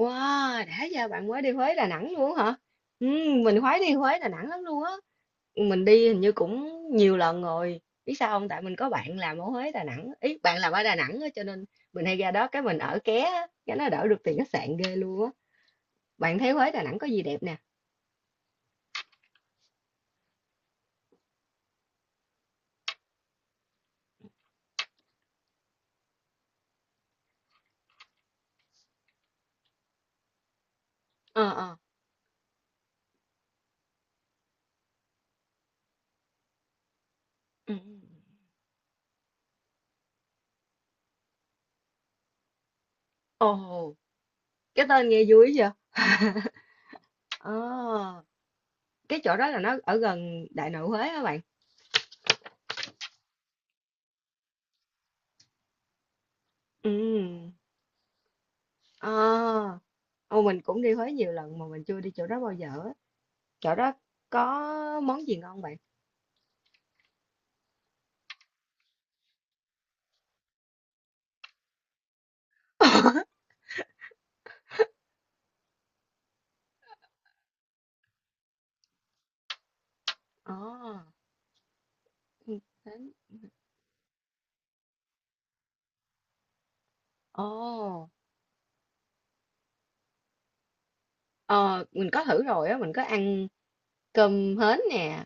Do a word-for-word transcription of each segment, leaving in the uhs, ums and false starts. Wow, đã giờ bạn mới đi Huế Đà Nẵng luôn hả? Ừ, mình khoái đi Huế Đà Nẵng lắm luôn á. Mình đi hình như cũng nhiều lần rồi. Biết sao không? Tại mình có bạn làm ở Huế Đà Nẵng. Ý, bạn làm ở Đà Nẵng á, cho nên mình hay ra đó cái mình ở ké á, cái nó đỡ được tiền khách sạn ghê luôn á. Bạn thấy Huế Đà Nẵng có gì đẹp nè? Ờ ờ. Ừ. Ừ. Ồ, cái tên nghe vui vậy. Ờ, cái chỗ đó là nó ở gần Đại Nội Huế á bạn. Ừ. Ờ. Ồ, mình cũng đi Huế nhiều lần mà mình chưa đi chỗ đó bao giờ á. Chỗ đó có món gì ngon bạn? Ồ, hên hến. Ồ, ờ, mình có thử rồi á, mình có ăn cơm hến nè,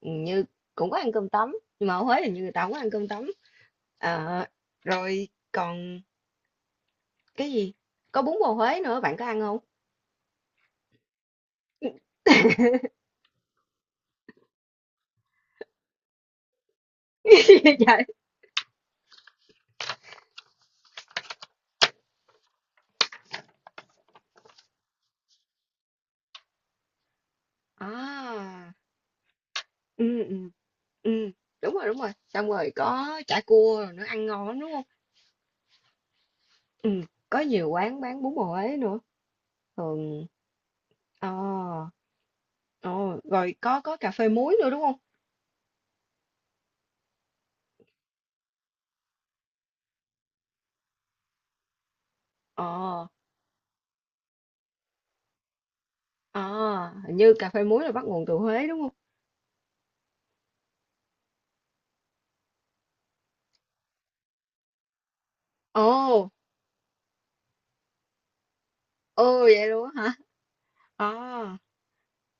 như cũng có ăn cơm tấm, nhưng mà ở Huế thì như người ta không có ăn cơm tấm. Ờ, rồi còn cái gì? Có bún bò Huế nữa, bạn có ăn không? Vậy. À, ừ, ừ, ừ, đúng rồi, đúng rồi. Xong rồi có chả cua rồi nữa, ăn ngon lắm đúng không? Ừ, có nhiều quán bán bún bò Huế nữa. Thường, ờ. Ồ, rồi có có cà phê muối nữa đúng không? Ờ, à, hình như cà phê muối là bắt nguồn từ Huế đúng không? Ồ, ồ vậy luôn á hả? À,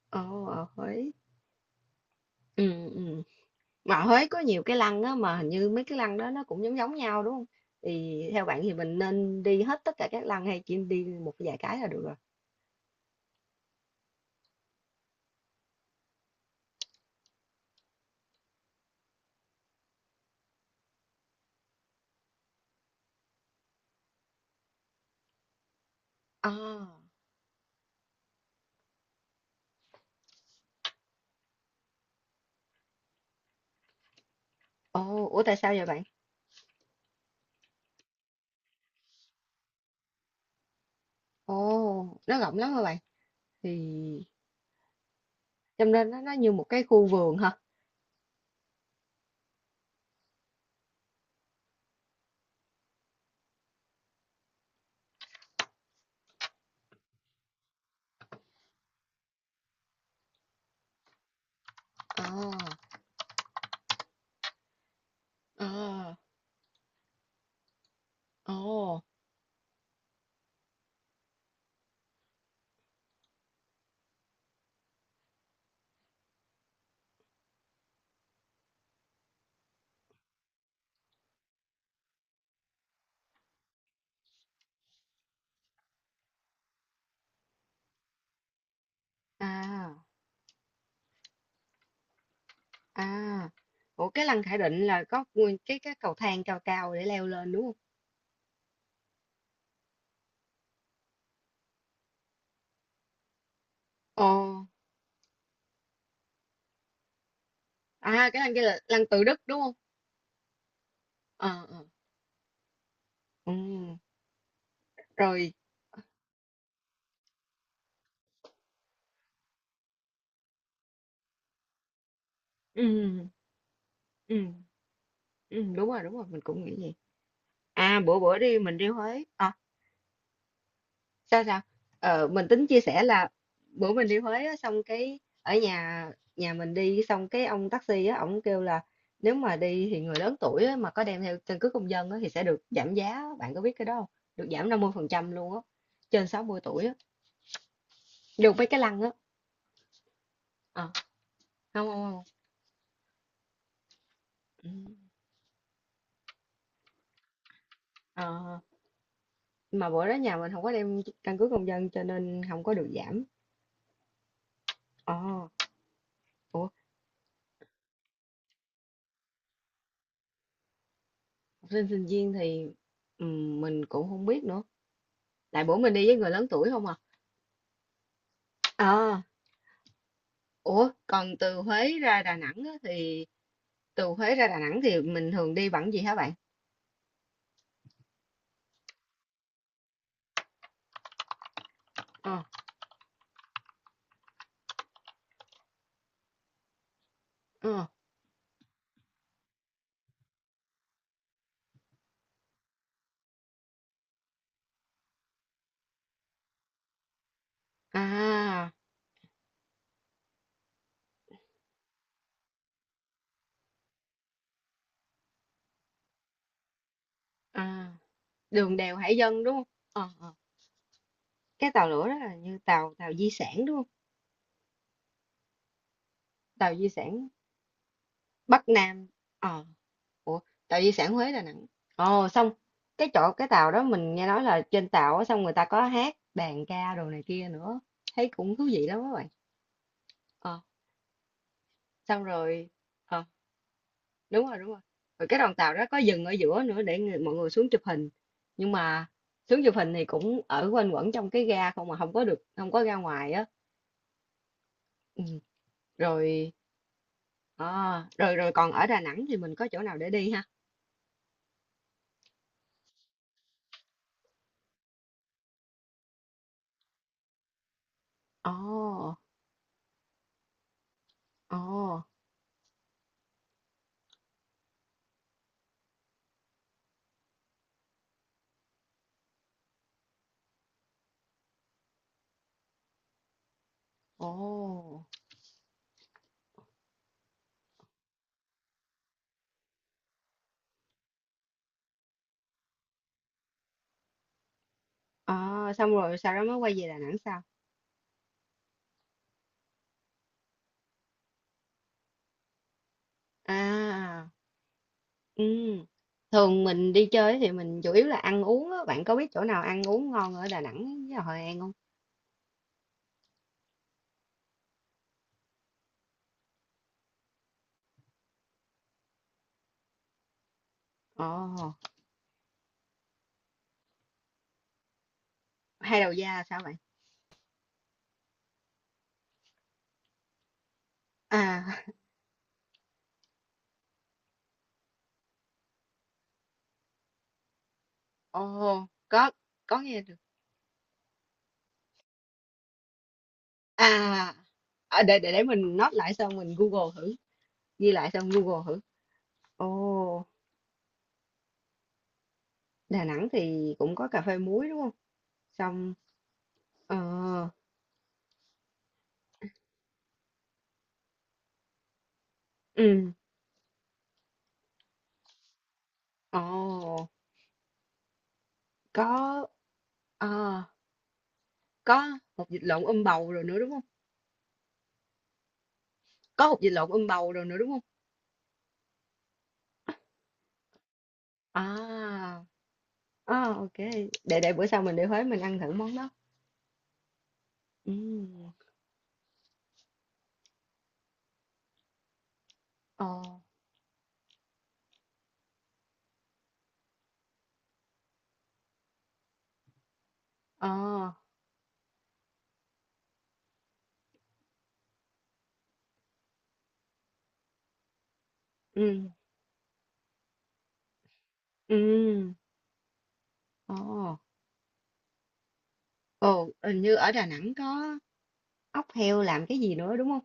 ồ, ở Huế. Ừ, ừ. Mà ở Huế có nhiều cái lăng á mà hình như mấy cái lăng đó nó cũng giống giống nhau đúng không? Thì theo bạn thì mình nên đi hết tất cả các lăng hay chỉ đi một vài cái là được rồi? À, ồ, ủa tại sao vậy bạn? Ồ, nó rộng lắm hả bạn? Thì cho nên nó, nó như một cái khu vườn hả? À, à, ồ. À, à, ủa cái lăng Khải Định là có nguyên cái cái cầu thang cao cao để leo lên đúng không? Ồ, à cái lăng kia là lăng Tự Đức đúng không? Ờ, ờ, ừ, rồi, ừ, ừ, ừ, đúng rồi, đúng rồi, mình cũng nghĩ vậy. À, bữa bữa đi mình đi Huế, sao sao ờ, mình tính chia sẻ là bữa mình đi Huế á, xong cái ở nhà nhà mình đi xong cái ông taxi á ổng kêu là nếu mà đi thì người lớn tuổi á, mà có đem theo căn cước công dân á, thì sẽ được giảm giá á. Bạn có biết cái đó không? Được giảm năm mươi phần trăm luôn á, trên sáu mươi tuổi á, được mấy cái lăng á. Ờ, không không không. Ừ. Ờ, mà bữa đó nhà mình không có đem căn cước công dân cho nên không có được giảm. Ờ, ủa học sinh sinh viên thì ừm, mình cũng không biết nữa, lại bữa mình đi với người lớn tuổi không à. Ờ. Ủa, còn từ Huế ra Đà Nẵng á, thì từ Huế ra Đà Nẵng thì mình thường đi bằng gì hả bạn? Ờ, ờ, à, à, đường đèo hải dân đúng không? Ờ, ờ. Cái tàu lửa đó là như tàu tàu di sản đúng không? Tàu di sản Bắc Nam. Ờ, ủa, tàu di sản Huế Đà Nẵng. Ồ, xong cái chỗ cái tàu đó mình nghe nói là trên tàu á, xong người ta có hát đàn ca đồ này kia nữa. Thấy cũng thú vị lắm các bạn. Ờ, xong rồi. Ờ, đúng rồi đúng rồi, rồi cái đoàn tàu đó có dừng ở giữa nữa để người- mọi người xuống chụp hình, nhưng mà xuống chụp hình thì cũng ở quanh quẩn trong cái ga không mà không có được không có ra ngoài á. Ừ. Rồi à, rồi rồi còn ở Đà Nẵng thì mình có chỗ nào để đi ha? Ồ ồ ồ. À, xong rồi sau đó mới quay về Đà Nẵng sao? À ừ. Thường mình đi chơi thì mình chủ yếu là ăn uống á, bạn có biết chỗ nào ăn uống ngon ở Đà Nẵng với Hội An không? Ồ. Hai đầu da sao vậy? À, ồ, có có nghe được. À, à, để để để mình note lại xong mình Google thử, ghi lại xong Google thử. Ồ, Đà Nẵng thì cũng có cà phê muối đúng không? Xong ờ ừ, ồ, có ờ, có hột vịt lộn um bầu rồi nữa đúng không? Có hột vịt lộn um bầu rồi nữa đúng không? À, à ok, để để bữa sau mình đi Huế mình ăn thử món đó. Ừ. Ồ, ờ, ừ, ừ. Ồ, ồ, hình như ở Đà Nẵng có ốc heo làm cái gì nữa đúng không?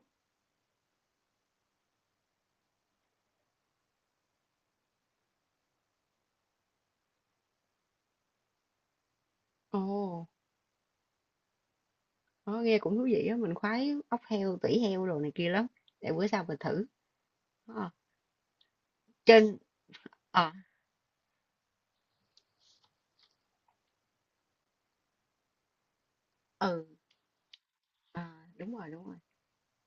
Ồ, nó nghe cũng thú vị á, mình khoái ốc heo tỉ heo đồ này kia lắm, để bữa sau mình thử. Ờ, trên ờ ừ ờ, đúng rồi đúng rồi,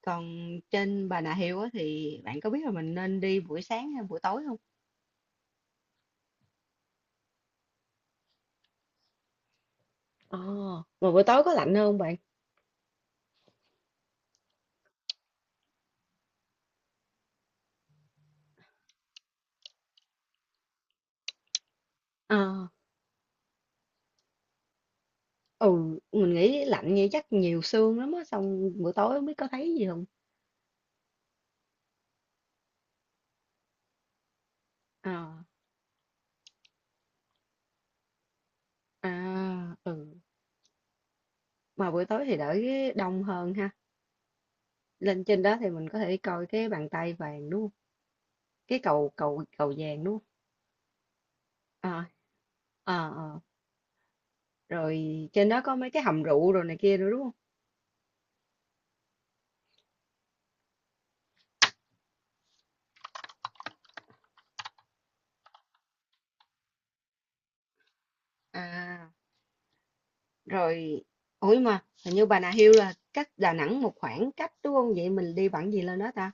còn trên Bà Nà Hills á thì bạn có biết là mình nên đi buổi sáng hay buổi tối không? Ờ, mà buổi tối có lạnh hơn không bạn? Ờ, ừ, mình nghĩ lạnh như chắc nhiều sương lắm á, xong buổi tối không biết có thấy gì không. Ờ, à ừ, mà buổi tối thì đỡ đông hơn ha. Lên trên đó thì mình có thể coi cái bàn tay vàng đúng không? Cái cầu cầu cầu vàng đúng không? À, à, à. Rồi trên đó có mấy cái hầm rượu rồi này kia nữa đúng không? À rồi, ủa mà hình như Bà Nà Hills là cách Đà Nẵng một khoảng cách đúng không, vậy mình đi bằng gì lên đó ta?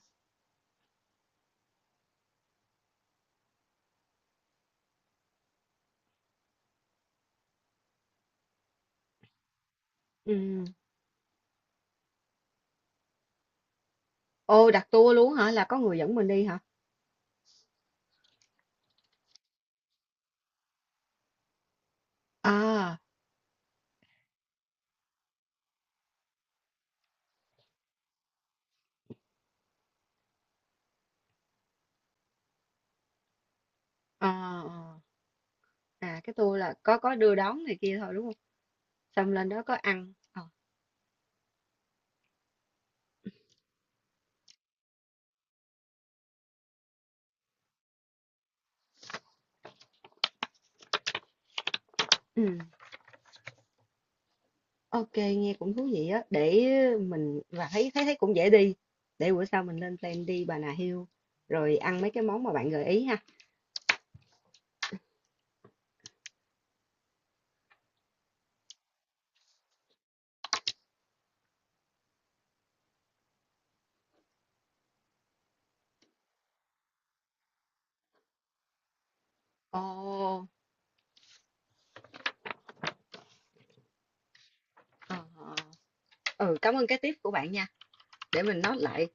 Ừ. Ô, đặt tour luôn hả, là có người dẫn mình đi hả? À à à, à cái tour là có có đưa đón này kia thôi đúng không? Xong lên đó có ăn. Ờ. Ừ. Ok, nghe cũng thú vị á. Để mình và thấy thấy thấy cũng dễ đi. Để bữa sau mình lên plan đi Bà Nà Hills rồi ăn mấy cái món mà bạn gợi ý ha. Ồ, ờ, ờ. Ừ, cảm ơn cái tip của bạn nha. Để mình note lại